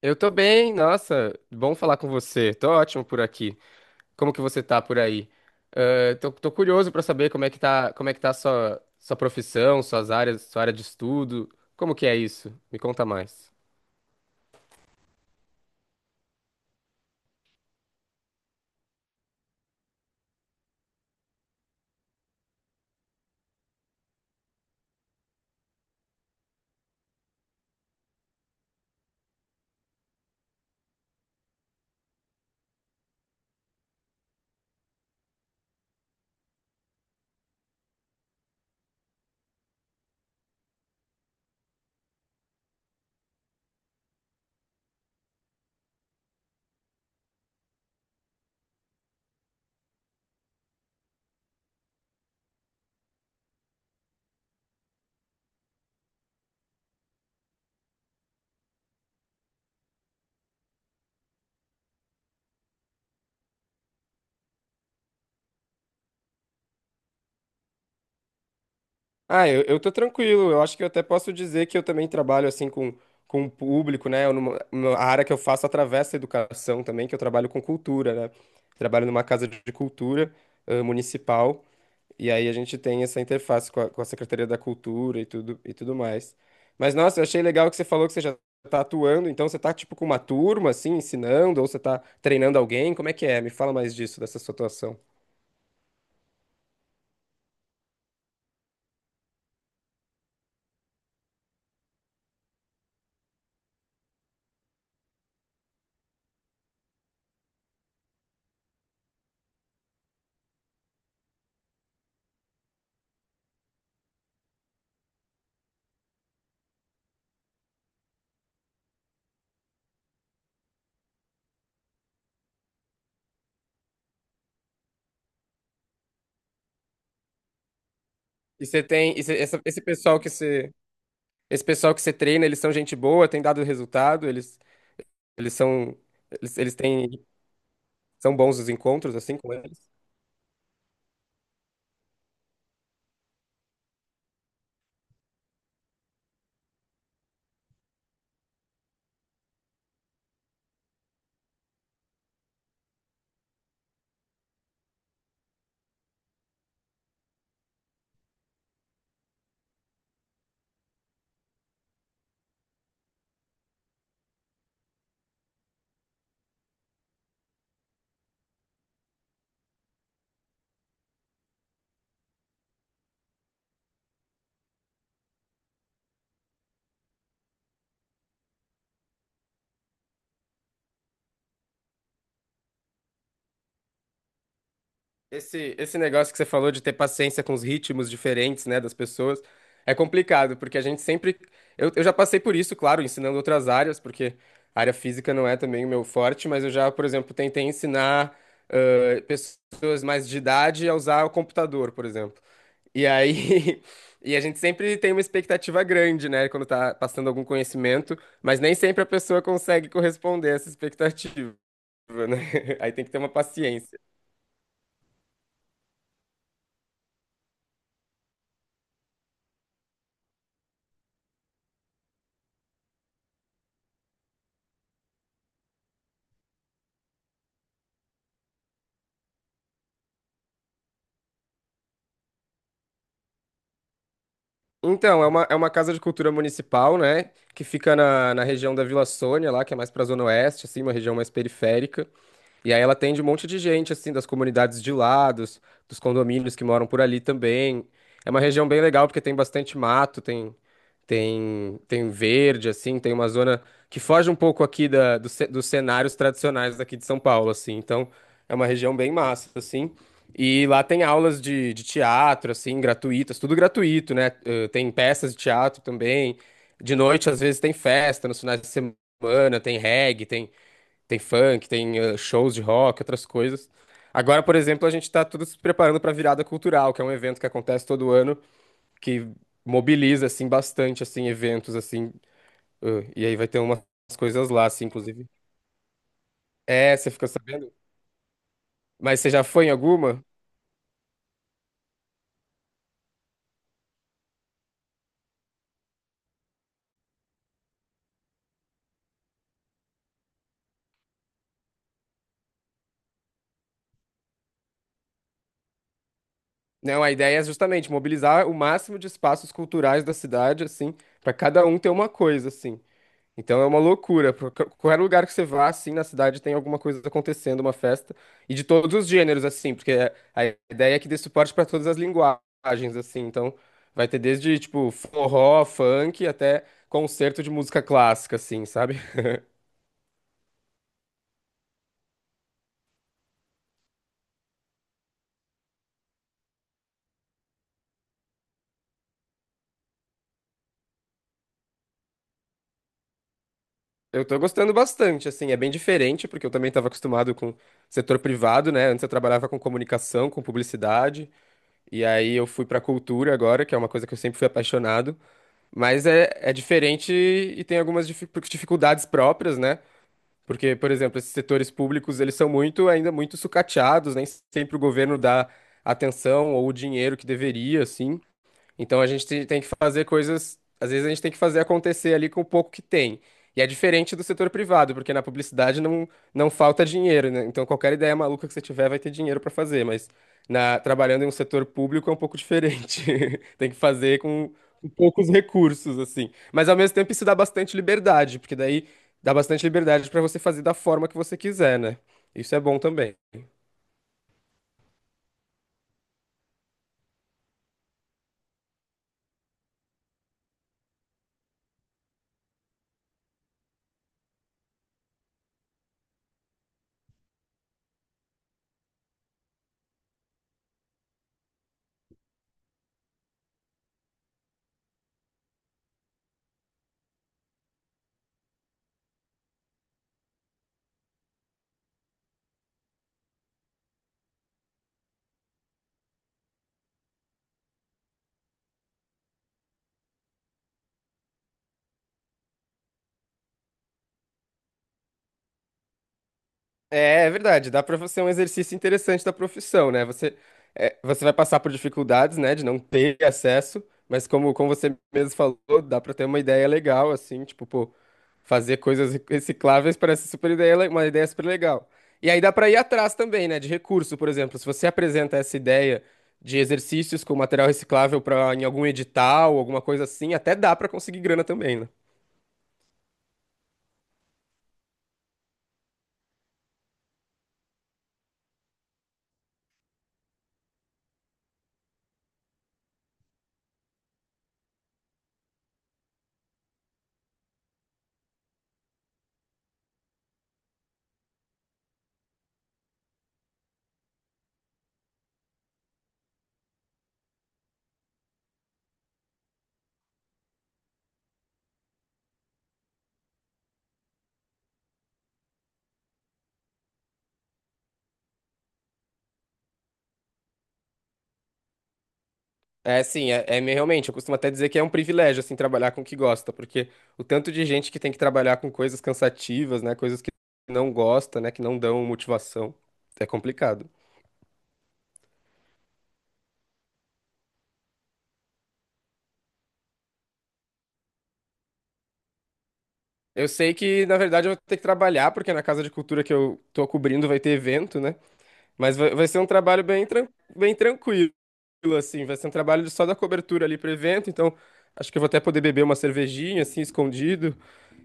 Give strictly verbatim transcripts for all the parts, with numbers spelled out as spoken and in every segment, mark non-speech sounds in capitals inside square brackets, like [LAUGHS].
Eu tô bem, nossa, bom falar com você. Tô ótimo por aqui. Como que você tá por aí? Eh, tô, tô curioso pra saber como é que tá, como é que tá a sua, sua profissão, suas áreas, sua área de estudo. Como que é isso? Me conta mais. Ah, eu, eu tô tranquilo. Eu acho que eu até posso dizer que eu também trabalho assim com, com o público, né? Eu numa- numa- a área que eu faço atravessa a educação também, que eu trabalho com cultura, né? Trabalho numa casa de cultura, eh, municipal. E aí a gente tem essa interface com a, com a Secretaria da Cultura e tudo, e tudo mais. Mas, nossa, eu achei legal que você falou que você já tá atuando, então você tá, tipo, com uma turma, assim, ensinando, ou você tá treinando alguém, como é que é? Me fala mais disso, dessa sua atuação. E você tem, e você- essa- esse pessoal que você, esse pessoal que você treina, eles são gente boa, tem dado resultado, eles, eles são, eles, eles têm, são bons os encontros, assim, com eles? Esse, esse negócio que você falou de ter paciência com os ritmos diferentes, né, das pessoas, é complicado, porque a gente sempre. Eu, eu já passei por isso, claro, ensinando outras áreas, porque a área física não é também o meu forte, mas eu já, por exemplo, tentei ensinar ãh, pessoas mais de idade a usar o computador, por exemplo. E aí. [LAUGHS] E a gente sempre tem uma expectativa grande, né, quando tá passando algum conhecimento, mas nem sempre a pessoa consegue corresponder a essa expectativa, né? [LAUGHS] Aí tem que ter uma paciência. Então, é uma, é uma casa de cultura municipal, né? Que fica na, na região da Vila Sônia, lá, que é mais pra Zona Oeste, assim, uma região mais periférica. E aí ela atende um monte de gente, assim, das comunidades de lá, dos, dos condomínios que moram por ali também. É uma região bem legal porque tem bastante mato, tem, tem, tem verde, assim, tem uma zona que foge um pouco aqui da, do ce- dos cenários tradicionais daqui de São Paulo, assim. Então, é uma região bem massa, assim. E lá tem aulas de, de teatro, assim, gratuitas, tudo gratuito, né? Eh, Tem peças de teatro também. De noite, às vezes, tem festa, nos finais de semana, tem reggae, tem. Tem funk, tem eh, shows de rock, outras coisas. Agora, por exemplo, a gente está tudo se preparando para a Virada Cultural, que é um evento que acontece todo ano, que mobiliza assim bastante assim eventos assim, eh, e aí vai ter umas coisas lá assim, inclusive. É, você ficou sabendo? Mas você já foi em alguma? Não, a ideia é justamente mobilizar o máximo de espaços culturais da cidade assim, para cada um ter uma coisa assim. Então é uma loucura. por- qu- Qualquer lugar que você vá, assim, na cidade tem alguma coisa acontecendo, uma festa. E de todos os gêneros, assim, porque é, a ideia é que dê suporte para todas as linguagens, assim. Então vai ter desde, tipo, forró, funk, até concerto de música clássica, assim, sabe? [LAUGHS] Eu tô gostando bastante, assim. É bem diferente, porque eu também estava acostumado com setor privado, né? Antes eu trabalhava com comunicação, com publicidade. E aí eu fui pra cultura agora, que é uma coisa que eu sempre fui apaixonado. Mas é, é diferente e tem algumas difi- dificuldades próprias, né? Porque, por exemplo, esses setores públicos, eles são muito, ainda muito sucateados, nem sempre o governo dá atenção ou o dinheiro que deveria, assim. Então a gente te- tem que fazer coisas, às vezes a gente tem que fazer acontecer ali com o pouco que tem. E é diferente do setor privado, porque na publicidade não, não falta dinheiro, né? Então qualquer ideia maluca que você tiver vai ter dinheiro para fazer, mas na, trabalhando em um setor público é um pouco diferente. [LAUGHS] Tem que fazer com, com poucos recursos, assim. Mas ao mesmo tempo isso dá bastante liberdade, porque daí dá bastante liberdade para você fazer da forma que você quiser, né? Isso é bom também. É, é verdade, dá pra você um exercício interessante da profissão, né? Você, é, você vai passar por dificuldades, né, de não ter acesso, mas como, como você mesmo falou, dá pra ter uma ideia legal, assim, tipo, pô, fazer coisas recicláveis parece super ideia, le- uma ideia super legal. E aí dá pra ir atrás também, né, de recurso, por exemplo, se você apresenta essa ideia de exercícios com material reciclável para em algum edital, alguma coisa assim, até dá pra conseguir grana também, né? É, sim, é, é me- realmente, eu costumo até dizer que é um privilégio, assim, trabalhar com o que gosta, porque o tanto de gente que tem que trabalhar com coisas cansativas, né, coisas que não gosta, né, que não dão motivação, é complicado. Eu sei que, na verdade, eu vou ter que trabalhar, porque na Casa de Cultura que eu tô cobrindo vai ter evento, né, mas vai, vai ser um trabalho bem, tran- bem tranquilo, assim, vai ser um trabalho só da cobertura ali pro evento, então acho que eu vou até poder beber uma cervejinha, assim, escondido.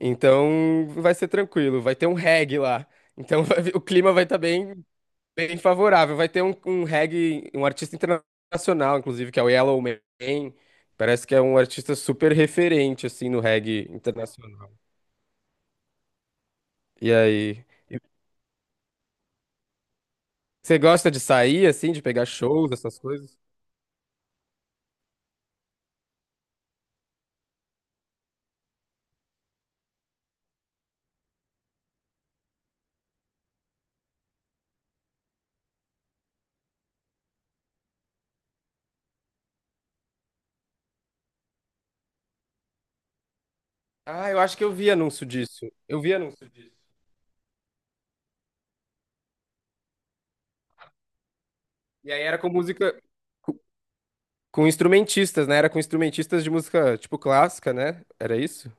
Então vai ser tranquilo, vai ter um reggae lá. Então [LAUGHS] o clima vai estar bem, bem favorável. Vai ter um, um reggae, um artista internacional, inclusive, que é o Yellow Man. Parece que é um artista super referente, assim, no reggae internacional. E aí? Você gosta de sair, assim, de pegar shows, essas coisas? Ah, eu acho que eu vi anúncio disso. Eu vi anúncio disso. E aí era com música, com com instrumentistas, né? Era com instrumentistas de música, tipo, clássica, né? Era isso?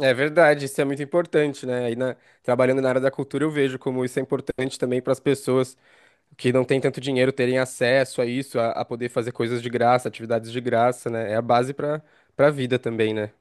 É verdade, isso é muito importante, né? Aí na- trabalhando na área da cultura, eu vejo como isso é importante também para as pessoas que não têm tanto dinheiro terem acesso a isso, a, a poder fazer coisas de graça, atividades de graça, né? É a base para para a vida também, né?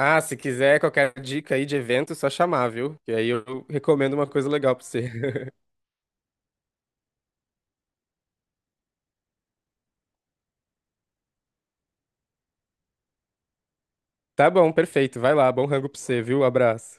Ah, se quiser qualquer dica aí de evento, só chamar, viu? E aí eu recomendo uma coisa legal para você. [LAUGHS] Tá bom, perfeito. Vai lá, bom rango para você, viu? Abraço.